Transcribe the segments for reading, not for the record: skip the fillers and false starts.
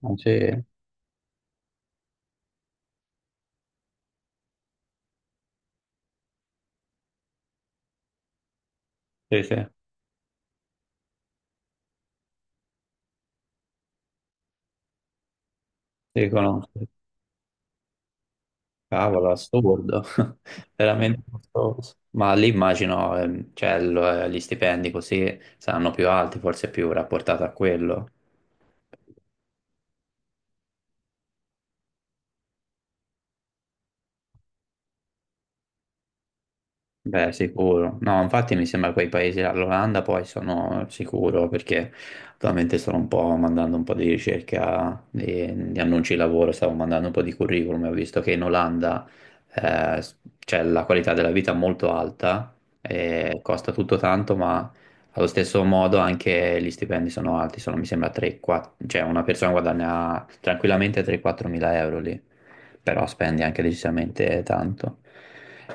Non c'è- Sì, sì, sì, conosco. Cavolo, assurdo, veramente costoso. Ma lì immagino, cioè, gli stipendi così saranno più alti, forse più rapportato a quello. Beh, sicuro. No, infatti mi sembra quei paesi, là, l'Olanda poi sono sicuro perché attualmente sto un po' mandando un po' di ricerca di annunci di lavoro, stavo mandando un po' di curriculum e ho visto che in Olanda c'è la qualità della vita molto alta, e costa tutto tanto, ma allo stesso modo anche gli stipendi sono alti, sono mi sembra 3-4, cioè una persona guadagna tranquillamente 3-4 mila euro lì, però spendi anche decisamente tanto.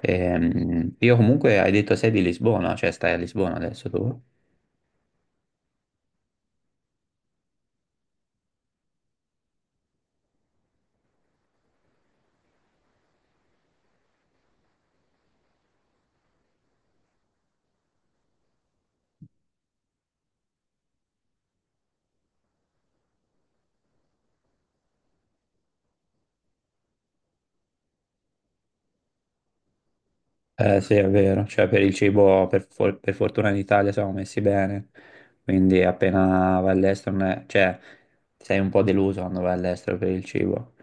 Io comunque hai detto sei di Lisbona, cioè stai a Lisbona adesso tu? Eh sì, è vero, cioè per il cibo per fortuna in Italia siamo messi bene, quindi appena vai all'estero, non è- cioè sei un po' deluso quando vai all'estero per il cibo.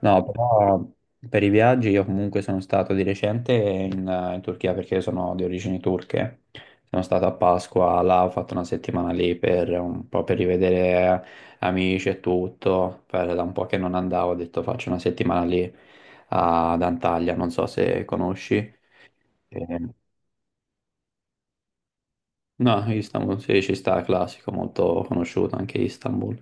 No, però per i viaggi io comunque sono stato di recente in Turchia, perché sono di origini turche, sono stato a Pasqua, là ho fatto 1 settimana lì per un po' per rivedere amici e tutto, da un po' che non andavo ho detto faccio 1 settimana lì ad Antalya, non so se conosci. Eh, No, Istanbul sì, ci sta, classico, molto conosciuto anche Istanbul.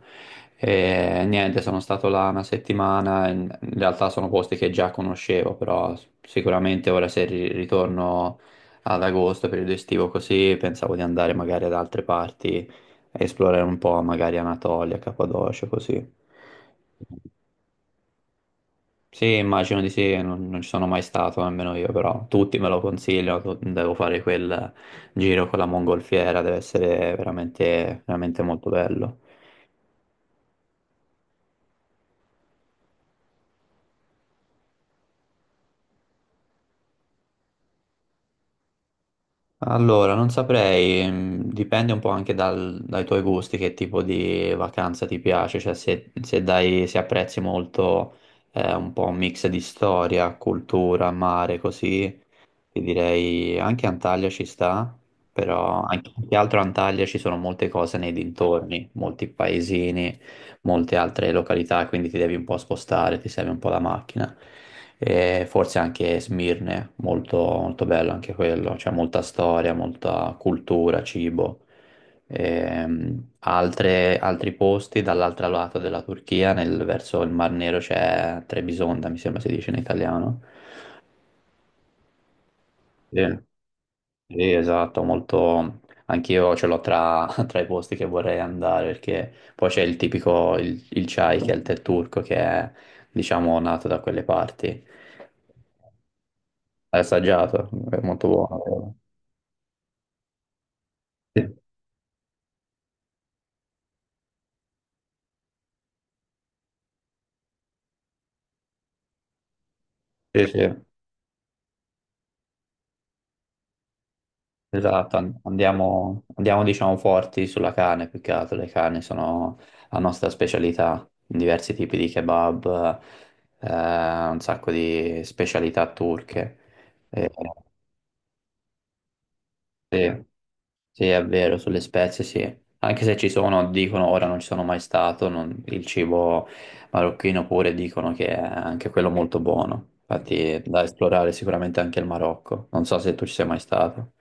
E, niente, sono stato là 1 settimana, in realtà sono posti che già conoscevo, però sicuramente ora se ritorno ad agosto, periodo estivo così, pensavo di andare magari ad altre parti, a esplorare un po', magari Anatolia, Cappadocia, così. Sì, immagino di sì, non, non ci sono mai stato, nemmeno io, però tutti me lo consigliano, devo fare quel giro con la mongolfiera, deve essere veramente, veramente molto bello. Allora, non saprei, dipende un po' anche dai tuoi gusti, che tipo di vacanza ti piace, cioè se apprezzi molto un po' un mix di storia, cultura, mare, così, ti direi anche Antalya ci sta, però anche, più che altro a Antalya ci sono molte cose nei dintorni, molti paesini, molte altre località, quindi ti devi un po' spostare, ti serve un po' la macchina. E forse anche Smirne, molto, molto bello anche quello, c'è molta storia, molta cultura, cibo. Altri posti dall'altro lato della Turchia, verso il Mar Nero c'è Trebisonda, mi sembra si dice in italiano. Sì. Sì, esatto, molto. Anch'io ce l'ho tra, tra i posti che vorrei andare, perché poi c'è il tipico, il chai, che è il tè turco, che è, diciamo, nato da quelle parti. L'hai assaggiato? È molto buono. Sì, sì, sì, esatto. Andiamo, andiamo, diciamo, forti sulla carne, più che altro. Le carni sono la nostra specialità, diversi tipi di kebab, un sacco di specialità turche. Eh, sì. Sì, è vero, sulle spezie sì. Anche se ci sono, dicono, ora non ci sono mai stato, il cibo marocchino pure dicono che è anche quello molto buono. Infatti è da esplorare sicuramente anche il Marocco. Non so se tu ci sei mai stato.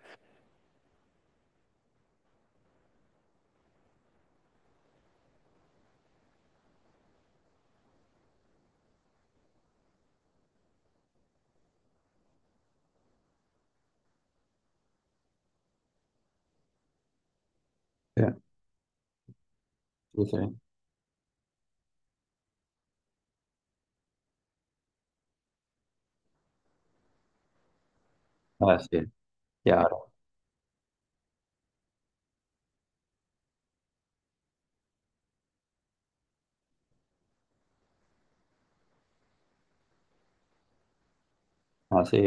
Sì, sì, sì. Eh sì, chiaro. Ah, sì.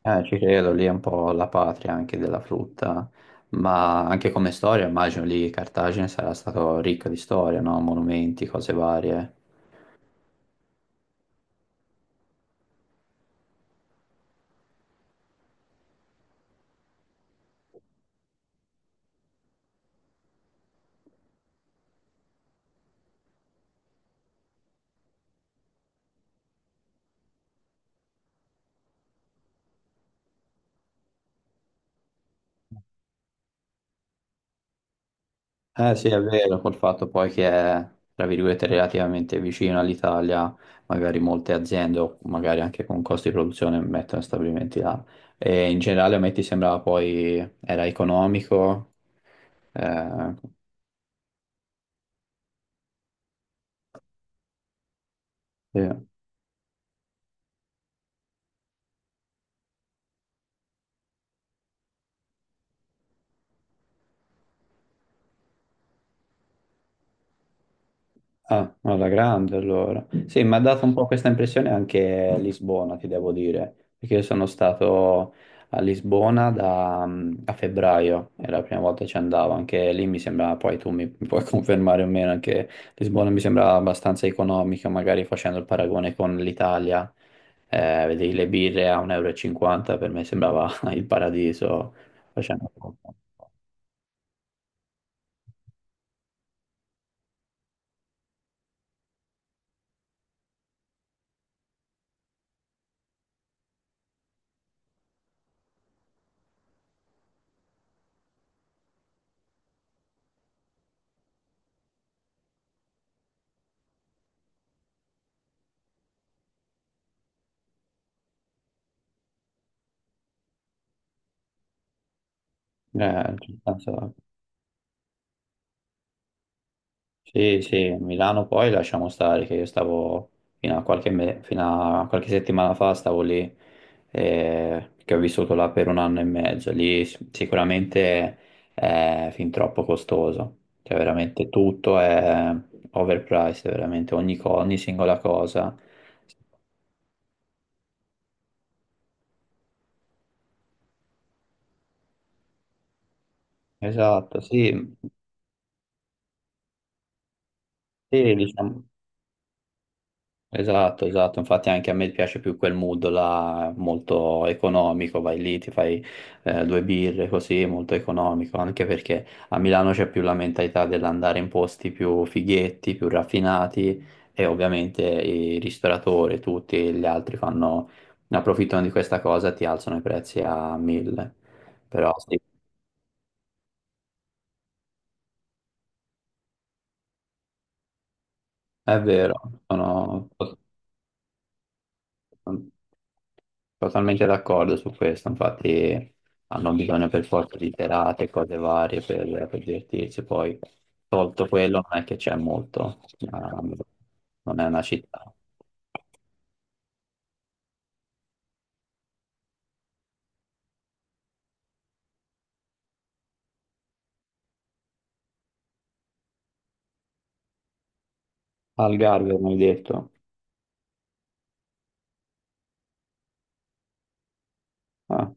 Ci credo, lì è un po' la patria anche della frutta, ma anche come storia, immagino lì Cartagine sarà stato ricca di storia, no? Monumenti, cose varie. Eh sì, è vero, col fatto poi che è, tra virgolette, relativamente vicino all'Italia, magari molte aziende o magari anche con costi di produzione mettono stabilimenti là. E in generale a me ti sembrava poi era economico, eh, sì. Ah, alla grande allora. Sì, mi ha dato un po' questa impressione anche a Lisbona, ti devo dire, perché io sono stato a Lisbona da, a febbraio, è la prima volta che ci andavo, anche lì mi sembra, poi tu mi puoi confermare o meno, anche Lisbona mi sembra abbastanza economica, magari facendo il paragone con l'Italia, vedevi le birre a 1,50 euro, e cinquanta, per me sembrava il paradiso, facendo. Abbastanza. Sì, sì, Milano poi lasciamo stare, che io stavo fino a qualche settimana fa, stavo lì, che ho vissuto là per 1 anno e mezzo, lì sicuramente è fin troppo costoso, cioè veramente tutto è overpriced, veramente ogni singola cosa. Esatto, sì, sì, diciamo. Esatto, esatto, infatti anche a me piace più quel mood là, molto economico, vai lì, ti fai 2 birre così, molto economico, anche perché a Milano c'è più la mentalità dell'andare in posti più fighetti, più raffinati, e ovviamente i ristoratori, tutti gli altri fanno, ne approfittano di questa cosa e ti alzano i prezzi a mille, però sì, è vero, sono totalmente d'accordo su questo, infatti hanno bisogno per forza di serate, cose varie per divertirsi, poi tolto quello non è che c'è molto, ma non è una città. Algarve, mi hai detto? Ah,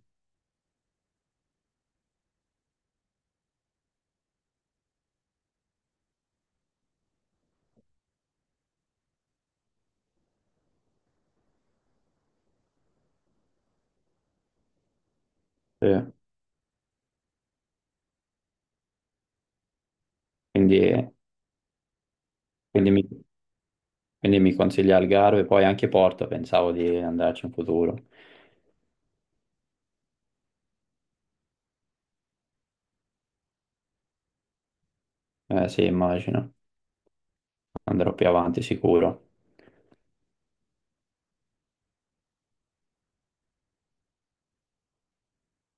sì. Quindi, quindi mi, quindi mi consiglia Algarve, poi anche Porto, pensavo di andarci in futuro. Sì, immagino, andrò più avanti sicuro.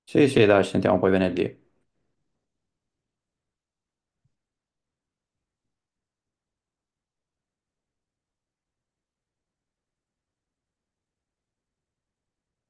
Sì, sì, dai, ci sentiamo poi venerdì.